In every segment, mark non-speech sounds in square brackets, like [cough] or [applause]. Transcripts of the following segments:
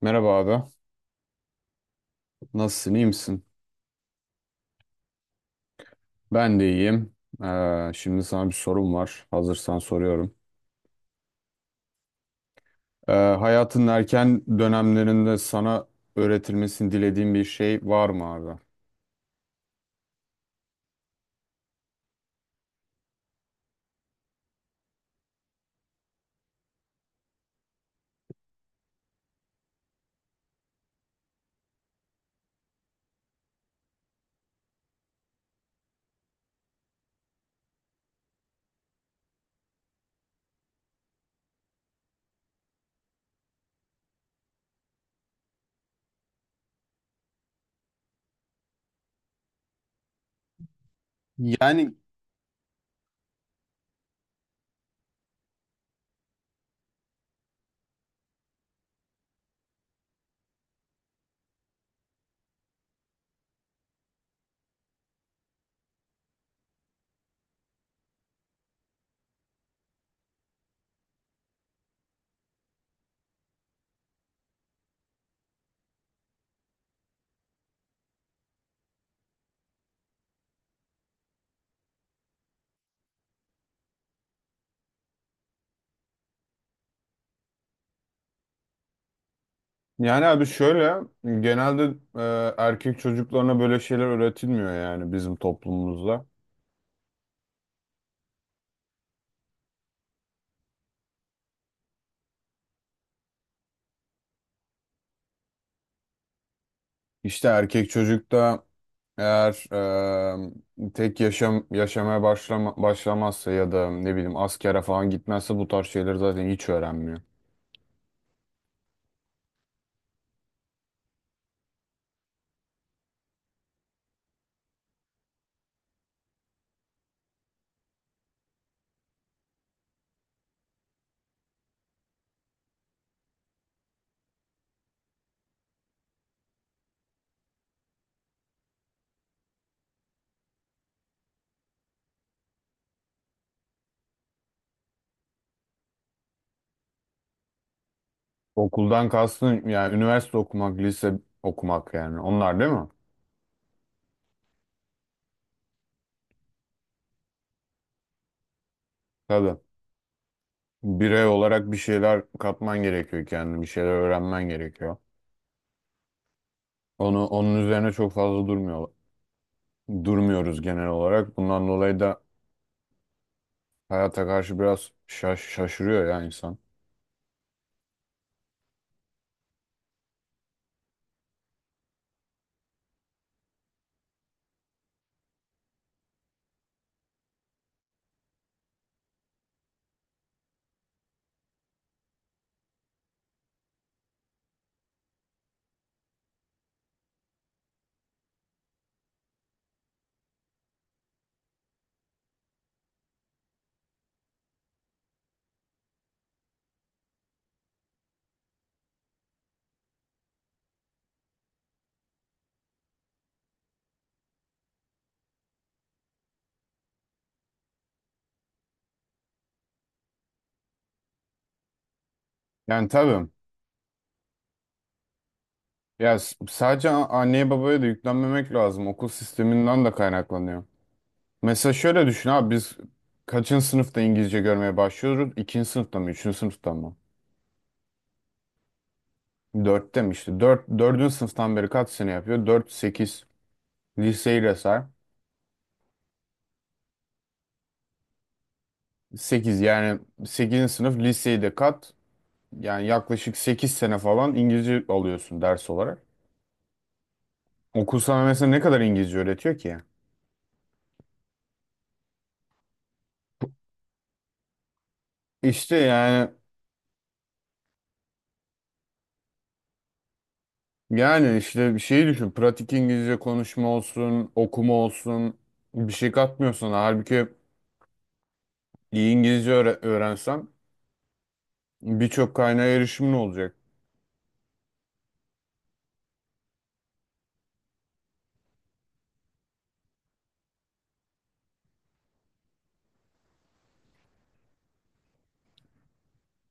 Merhaba abi. Nasılsın? İyi misin? Ben de iyiyim. Şimdi sana bir sorum var. Hazırsan soruyorum. Hayatın erken dönemlerinde sana öğretilmesini dilediğin bir şey var mı abi? Yani yani abi, şöyle, genelde erkek çocuklarına böyle şeyler öğretilmiyor, yani bizim toplumumuzda. İşte erkek çocukta, eğer tek yaşamaya başlamazsa ya da ne bileyim askere falan gitmezse, bu tarz şeyleri zaten hiç öğrenmiyor. Okuldan kastın, yani üniversite okumak, lise okumak, yani onlar değil mi? Tabii. Birey olarak bir şeyler katman gerekiyor kendine, bir şeyler öğrenmen gerekiyor. Onun üzerine çok fazla durmuyoruz genel olarak. Bundan dolayı da hayata karşı biraz şaşırıyor ya insan. Yani tabii. Ya sadece anneye babaya da yüklenmemek lazım. Okul sisteminden de kaynaklanıyor. Mesela şöyle düşün abi, biz kaçıncı sınıfta İngilizce görmeye başlıyoruz? İkinci sınıfta mı? Üçüncü sınıfta mı? Dörtte mi işte? Dördüncü sınıftan beri kaç sene yapıyor? Dört, sekiz. Liseyi de say. Yani sekizinci sınıf, liseyi de kat. Yani yaklaşık 8 sene falan İngilizce alıyorsun ders olarak. Okul sana mesela ne kadar İngilizce öğretiyor ki? İşte, yani işte, bir şeyi düşün. Pratik İngilizce, konuşma olsun, okuma olsun, bir şey katmıyor sana. Halbuki iyi İngilizce öğrensen, birçok kaynağa erişimin olacak.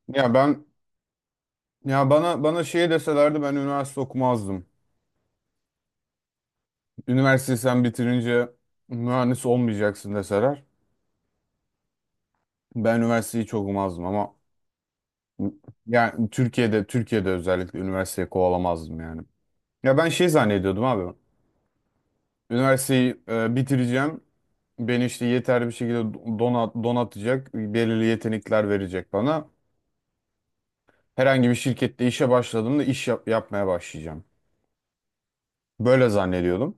Ya ben ya bana bana şey deselerdi, ben üniversite okumazdım. Üniversiteyi sen bitirince mühendis olmayacaksın deseler, ben üniversiteyi hiç okumazdım ama. Yani Türkiye'de özellikle üniversiteyi kovalamazdım yani. Ya ben şey zannediyordum abi. Üniversiteyi bitireceğim. Beni işte yeterli bir şekilde donatacak. Belirli yetenekler verecek bana. Herhangi bir şirkette işe başladığımda, iş yapmaya başlayacağım. Böyle zannediyordum.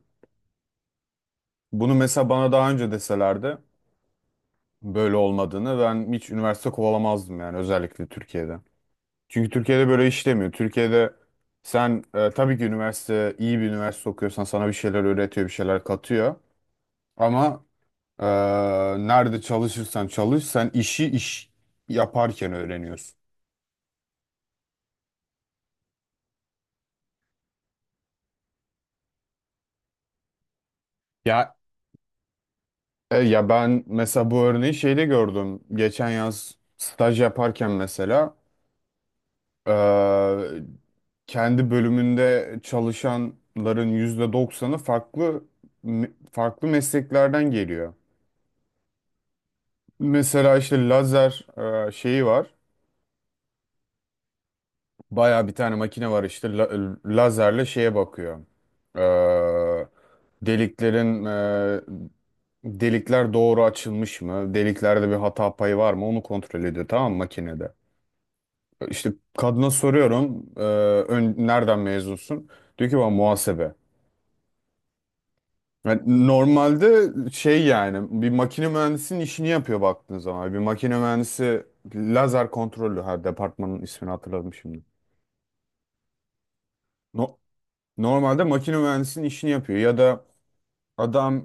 Bunu mesela bana daha önce deselerdi böyle olmadığını, ben hiç üniversite kovalamazdım, yani özellikle Türkiye'de. Çünkü Türkiye'de böyle işlemiyor. Türkiye'de sen, tabii ki, iyi bir üniversite okuyorsan sana bir şeyler öğretiyor, bir şeyler katıyor. Ama e, nerede çalışırsan çalış, sen iş yaparken öğreniyorsun. Ya ya ben mesela bu örneği şeyde gördüm. Geçen yaz staj yaparken mesela, e, kendi bölümünde çalışanların yüzde doksanı farklı farklı mesleklerden geliyor. Mesela işte lazer şeyi var. Baya bir tane makine var işte, lazerle şeye bakıyor. E, deliklerin e, delikler doğru açılmış mı? Deliklerde bir hata payı var mı? Onu kontrol ediyor, tamam mı, makinede. İşte kadına soruyorum, nereden mezunsun? Diyor ki bana, muhasebe. Yani normalde şey, yani bir makine mühendisinin işini yapıyor baktığın zaman. Bir makine mühendisi, lazer kontrolü. Her departmanın ismini hatırladım şimdi. No- Normalde makine mühendisinin işini yapıyor, ya da adam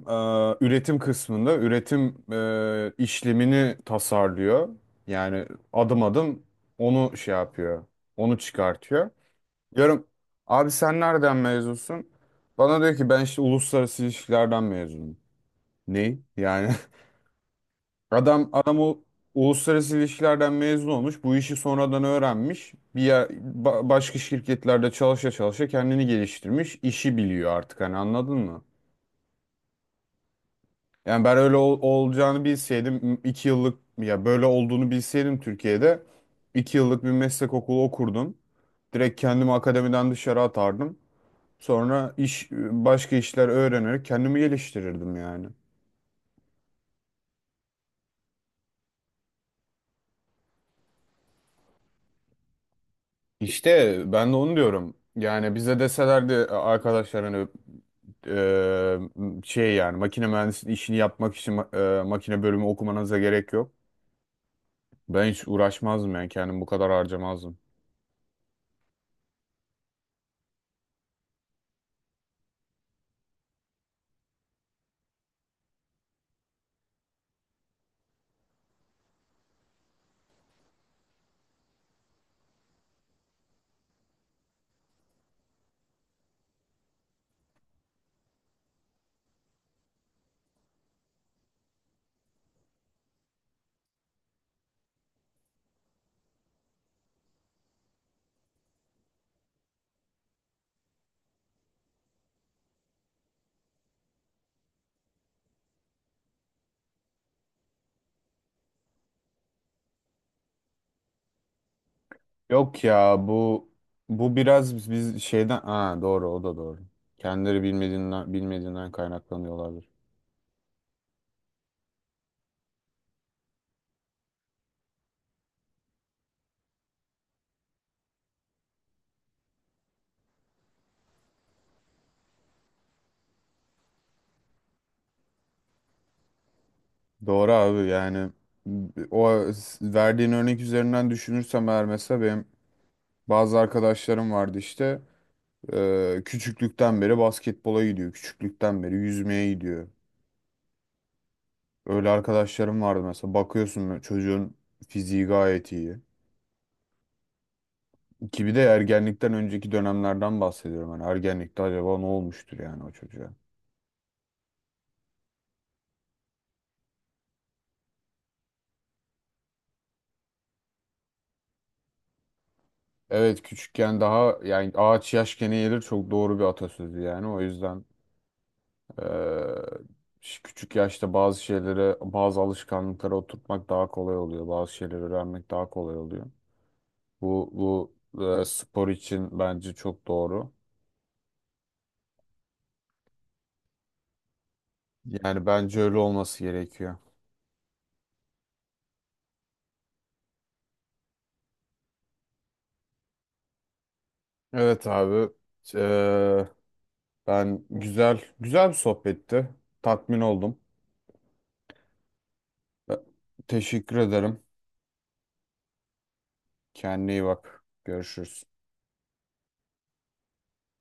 üretim kısmında üretim işlemini tasarlıyor. Yani adım adım onu şey yapıyor, onu çıkartıyor. Diyorum, abi sen nereden mezunsun? Bana diyor ki, ben işte uluslararası ilişkilerden mezunum. Ne? Yani [laughs] Adam o uluslararası ilişkilerden mezun olmuş. Bu işi sonradan öğrenmiş. Başka şirketlerde çalışa çalışa kendini geliştirmiş. İşi biliyor artık, hani anladın mı? Yani ben öyle olacağını bilseydim, iki yıllık, ya böyle olduğunu bilseydim, Türkiye'de iki yıllık bir meslek okulu okurdum. Direkt kendimi akademiden dışarı atardım. Sonra başka işler öğrenerek kendimi geliştirirdim yani. İşte ben de onu diyorum. Yani bize deselerdi, arkadaşlar hani şey, yani makine mühendisliği işini yapmak için makine bölümü okumanıza gerek yok. Ben hiç uğraşmazdım, yani kendim bu kadar harcamazdım. Yok ya, bu biraz biz şeyden, ha doğru, o da doğru. Kendileri bilmediğinden kaynaklanıyor olabilir. Doğru abi, yani o verdiğin örnek üzerinden düşünürsem eğer, mesela benim bazı arkadaşlarım vardı işte. Küçüklükten beri basketbola gidiyor. Küçüklükten beri yüzmeye gidiyor. Öyle arkadaşlarım vardı mesela. Bakıyorsun, böyle çocuğun fiziği gayet iyi. Ki bir de ergenlikten önceki dönemlerden bahsediyorum. Hani ergenlikte acaba ne olmuştur yani o çocuğa? Evet, küçükken daha, yani ağaç yaşken eğilir, çok doğru bir atasözü yani. O yüzden ee, küçük yaşta bazı şeylere, bazı alışkanlıklara oturtmak daha kolay oluyor. Bazı şeyleri öğrenmek daha kolay oluyor. Bu spor için bence çok doğru. Yani bence öyle olması gerekiyor. Evet abi. Eee, güzel güzel bir sohbetti. Tatmin oldum. E, Teşekkür ederim. Kendine iyi bak. Görüşürüz.